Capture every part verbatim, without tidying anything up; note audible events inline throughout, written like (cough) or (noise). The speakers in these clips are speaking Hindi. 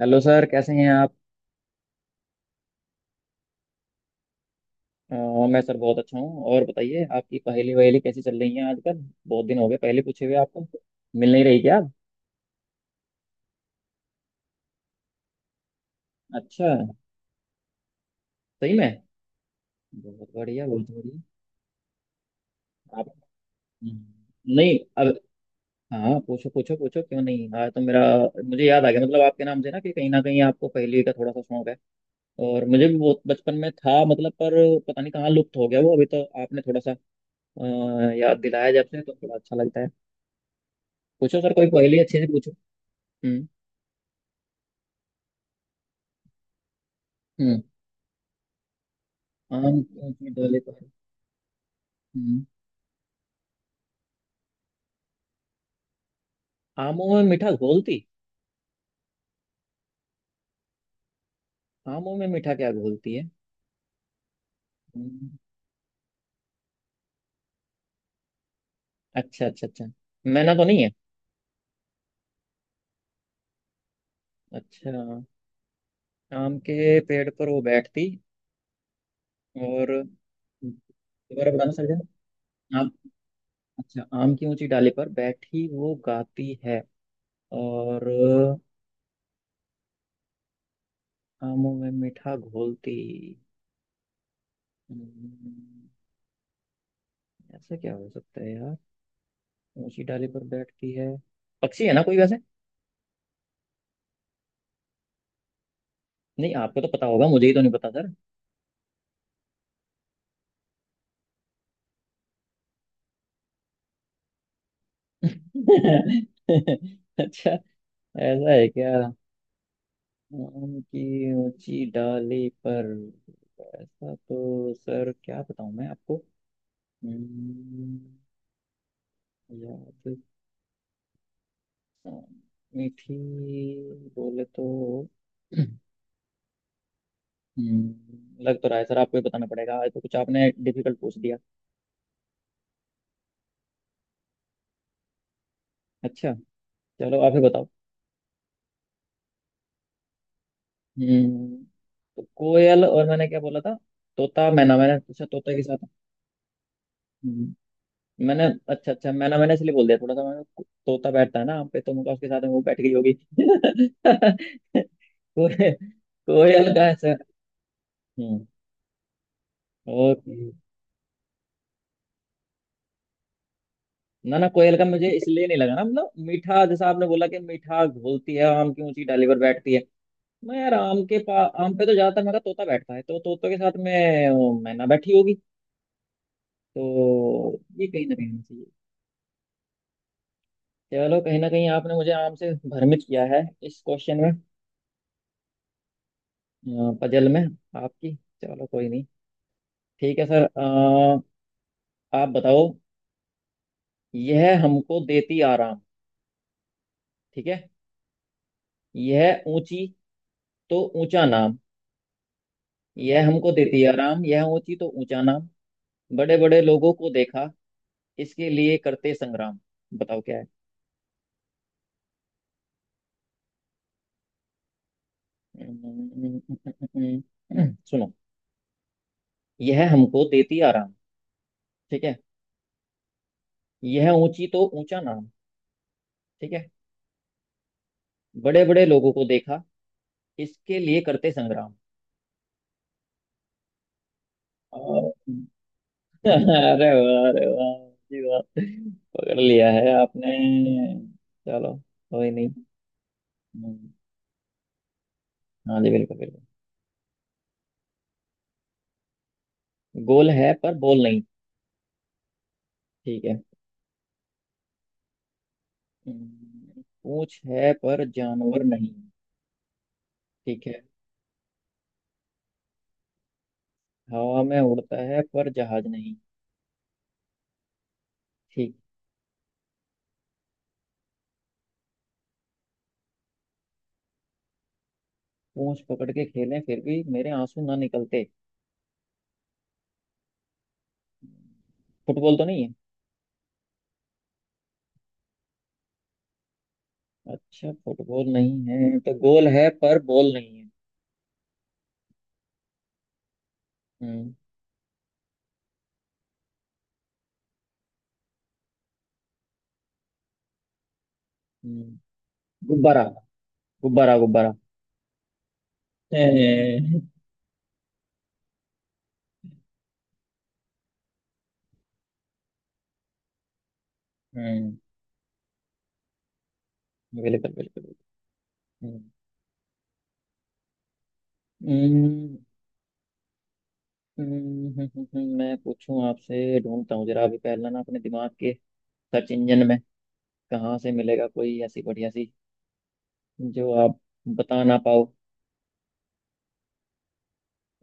हेलो सर, कैसे हैं आप? अ, मैं सर बहुत अच्छा हूँ। और बताइए, आपकी पहेली वहेली कैसी चल रही है आजकल? बहुत दिन हो गए पहले पूछे हुए आपको। मिल नहीं रही क्या आप? अच्छा। सही में। बहुत बढ़िया, बहुत बढ़िया। आप। हम्म, नहीं अब। हाँ पूछो पूछो पूछो, क्यों नहीं। हाँ तो मेरा, मुझे याद आ गया, मतलब आपके नाम से ना, कि कहीं ना कहीं आपको पहेली का थोड़ा सा शौक है। और मुझे भी बहुत बचपन में था मतलब, पर पता नहीं कहाँ लुप्त हो गया वो। अभी तो आपने थोड़ा सा अ, याद दिलाया, जब से तो थोड़ा अच्छा लगता है। पूछो सर, कोई पहेली अच्छे से पूछो। हम्म हम्म। आम क्यों की डाले पर? हम्म, आमों में मीठा घोलती। आमों में मीठा क्या घोलती है? हम्म, अच्छा अच्छा अच्छा। मैना तो नहीं है? अच्छा। आम के पेड़ पर वो बैठती, और दोबारा बताना सर। आम, अच्छा आम की ऊंची डाली पर बैठी वो गाती है, और आमों में मीठा घोलती। हम्म, ऐसा क्या हो सकता है यार। ऊंची डाली पर बैठती है, पक्षी है ना कोई वैसे? नहीं, आपको तो पता होगा, मुझे ही तो नहीं पता सर। अच्छा। ऐसा है क्या? आम की ऊंची डाली पर, ऐसा तो सर क्या बताऊं मैं आपको। हम्म, याद, अ, मीठी, बोले तो। हम्म, लग तो रहा है सर, आपको ही बताना पड़ेगा। आज तो कुछ आपने डिफिकल्ट पूछ दिया। अच्छा, चलो आप ही बताओ। हम्म तो कोयल, और मैंने क्या बोला था? तोता मैना, मैंने पूछा तोते के साथ। हम्म, मैंने, अच्छा अच्छा, मैंने मैंने इसलिए बोल दिया थोड़ा सा। मैंने तोता बैठता है ना आम पे, तो मुझे उसके साथ में वो बैठ गई होगी। (laughs) कोयल। कोयल का ऐसा। हम्म और ना ना, कोयल का मुझे इसलिए नहीं लगा ना, मतलब मीठा जैसा आपने बोला कि मीठा घोलती है, आम की ऊंची डाली पर बैठती है। मैं यार आम के पा आम पे तो ज्यादातर मेरा तोता बैठता है, तो तोते के साथ में वो मैना बैठी होगी। तो ये कहीं ना कहीं होना चाहिए। चलो, कहीं ना कहीं आपने मुझे आम से भ्रमित किया है इस क्वेश्चन में, पजल में आपकी। चलो कोई नहीं। ठीक है सर। अ, आप बताओ। यह हमको देती आराम, ठीक है। यह ऊंची तो ऊंचा नाम। यह हमको देती आराम, यह ऊंची तो ऊंचा नाम, बड़े बड़े लोगों को देखा, इसके लिए करते संग्राम। बताओ क्या है। (laughs) सुनो। यह हमको देती आराम, ठीक है। यह ऊंची तो ऊंचा नाम, ठीक है। बड़े बड़े लोगों को देखा, इसके लिए करते संग्राम। अ, (laughs) अरे वाह, अरे वाह! जी वाह, पकड़ लिया है आपने। चलो कोई नहीं। हम्म, हाँ जी, बिल्कुल बिल्कुल। गोल है पर बोल नहीं, ठीक है। हम्म, पूंछ है पर जानवर नहीं, ठीक है। हवा में उड़ता है पर जहाज नहीं, ठीक। पूंछ पकड़ के खेलें फिर भी मेरे आंसू ना निकलते। फुटबॉल तो नहीं है? अच्छा, फुटबॉल नहीं है तो गोल है पर बॉल नहीं है। हम्म हम्म, गुब्बारा! गुब्बारा, गुब्बारा। (laughs) हम्म बिल्कुल बिल्कुल बिल्कुल। हम्म, हम्म, हम्म, हम्म, हम्म, मैं पूछूं आपसे, ढूंढता हूँ जरा अभी पहला ना अपने दिमाग के सर्च इंजन में। कहाँ से मिलेगा कोई ऐसी बढ़िया सी जो आप बता ना पाओ।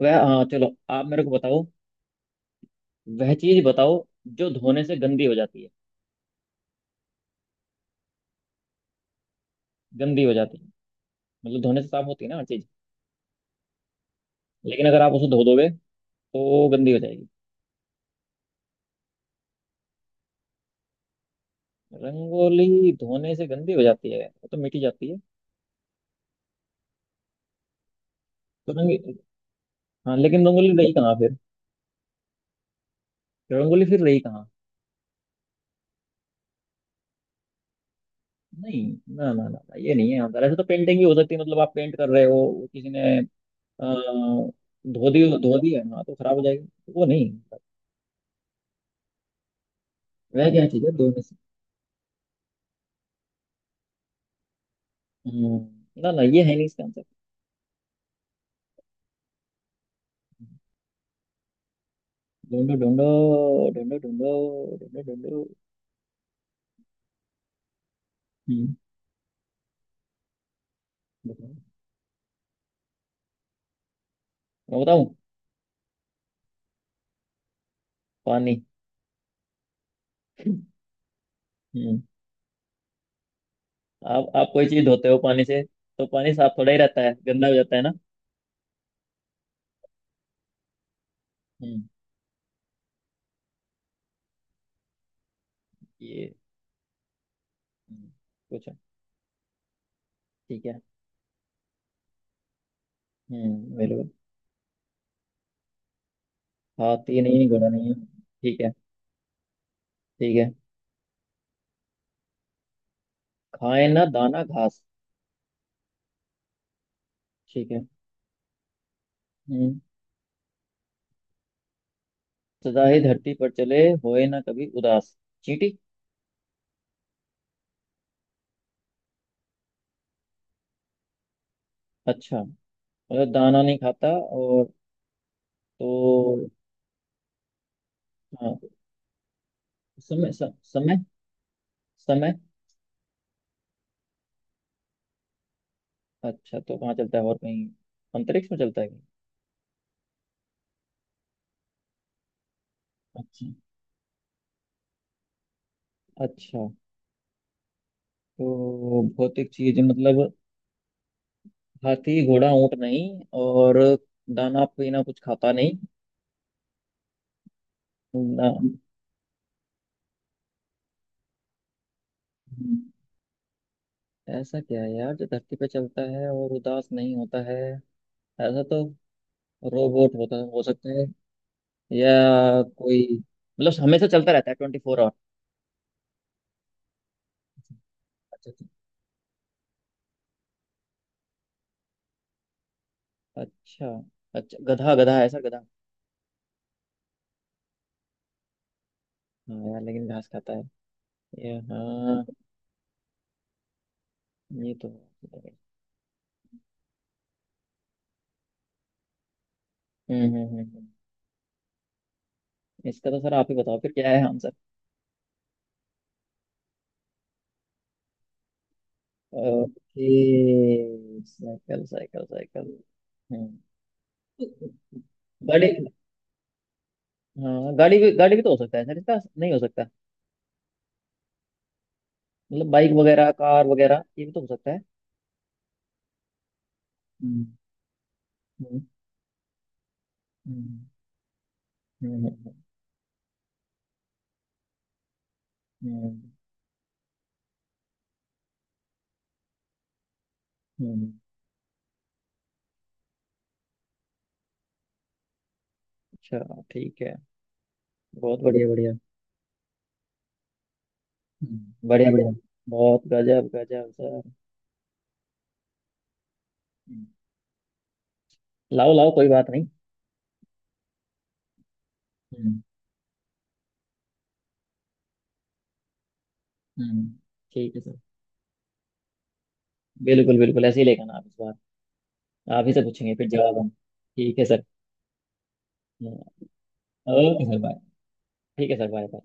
वह, हाँ चलो आप मेरे को बताओ। वह चीज बताओ जो धोने से गंदी हो जाती है। गंदी हो जाती है, मतलब धोने से साफ होती है ना हर चीज। लेकिन अगर आप उसे धो दोगे, तो गंदी हो जाएगी। रंगोली धोने से गंदी हो जाती है, वो तो मिटी जाती है। तो रंग, हाँ लेकिन रंगोली रही कहाँ फिर? रंगोली फिर रही कहाँ? नहीं, ना ना ना ना, ये नहीं है। अंदर ऐसे तो पेंटिंग भी हो सकती है, मतलब आप पेंट कर रहे हो वो किसी ने अ, धो दी, धो दी है ना तो खराब हो जाएगी, तो वो नहीं। वह क्या चीज है दो में से? हम्म, ना ना, ये है नहीं इसका आंसर। ढूंढो ढूंढो ढूंढो, ढूंढो ढूंढो ढूंढो। हम्म, बताओ। मैं बताऊं? पानी। हम्म। आप आप कोई चीज धोते हो पानी से, तो पानी साफ थोड़ा ही रहता है, गंदा हो जाता है ना। हम्म ये हम्म, पूछो। ठीक है। हम्म मेरे को, हाथी नहीं, घोड़ा नहीं है, ठीक है। ठीक है, खाए ना दाना घास, ठीक है। हम्म सदा ही धरती पर चले, होए ना कभी उदास। चींटी। अच्छा, मतलब दाना नहीं खाता और, तो हाँ समय, स, समय, समय। अच्छा, तो कहाँ चलता है और कहीं, अंतरिक्ष में चलता है कहीं? अच्छा अच्छा। तो भौतिक चीज मतलब, हाथी घोड़ा ऊंट नहीं, और दाना पीना कुछ खाता नहीं। ना, हम्म, ऐसा क्या है यार जो धरती पे चलता है और उदास नहीं होता है। ऐसा तो रोबोट होता, हो सकते हैं, या कोई, मतलब हमेशा चलता रहता है ट्वेंटी फोर आवर। अच्छा अच्छा, अच्छा अच्छा, गधा गधा है सर गधा। हाँ यार, लेकिन घास खाता है, ये, हाँ, ये तो है। हम्म हम्म हम्म हम्म। इसका तो सर आप ही बताओ फिर, क्या है answer? Okay. Cycle, cycle, cycle. हम्म गाड़ी, हाँ गाड़ी भी, गाड़ी भी तो हो सकता है सर इसका, नहीं हो सकता? मतलब बाइक वगैरह, कार वगैरह, ये भी तो हो सकता है। हम्म हम्म हम्म हम्म, हम्म, हम्म। हम्म, हम्म, अच्छा ठीक है। बहुत बढ़िया, बढ़िया, बढ़िया। हम्म, बढ़िया बढ़िया। बहुत गजब गजब सर। हम्म, लाओ लाओ, कोई बात नहीं। हम्म, हम्म, ठीक है सर। बिल्कुल बिल्कुल, ऐसे ही लेकर आना आप इस बार। आप ही से पूछेंगे फिर जवाब हम, ठीक है सर। हम्म, ओके सर, बाय। ठीक है सर, बाय।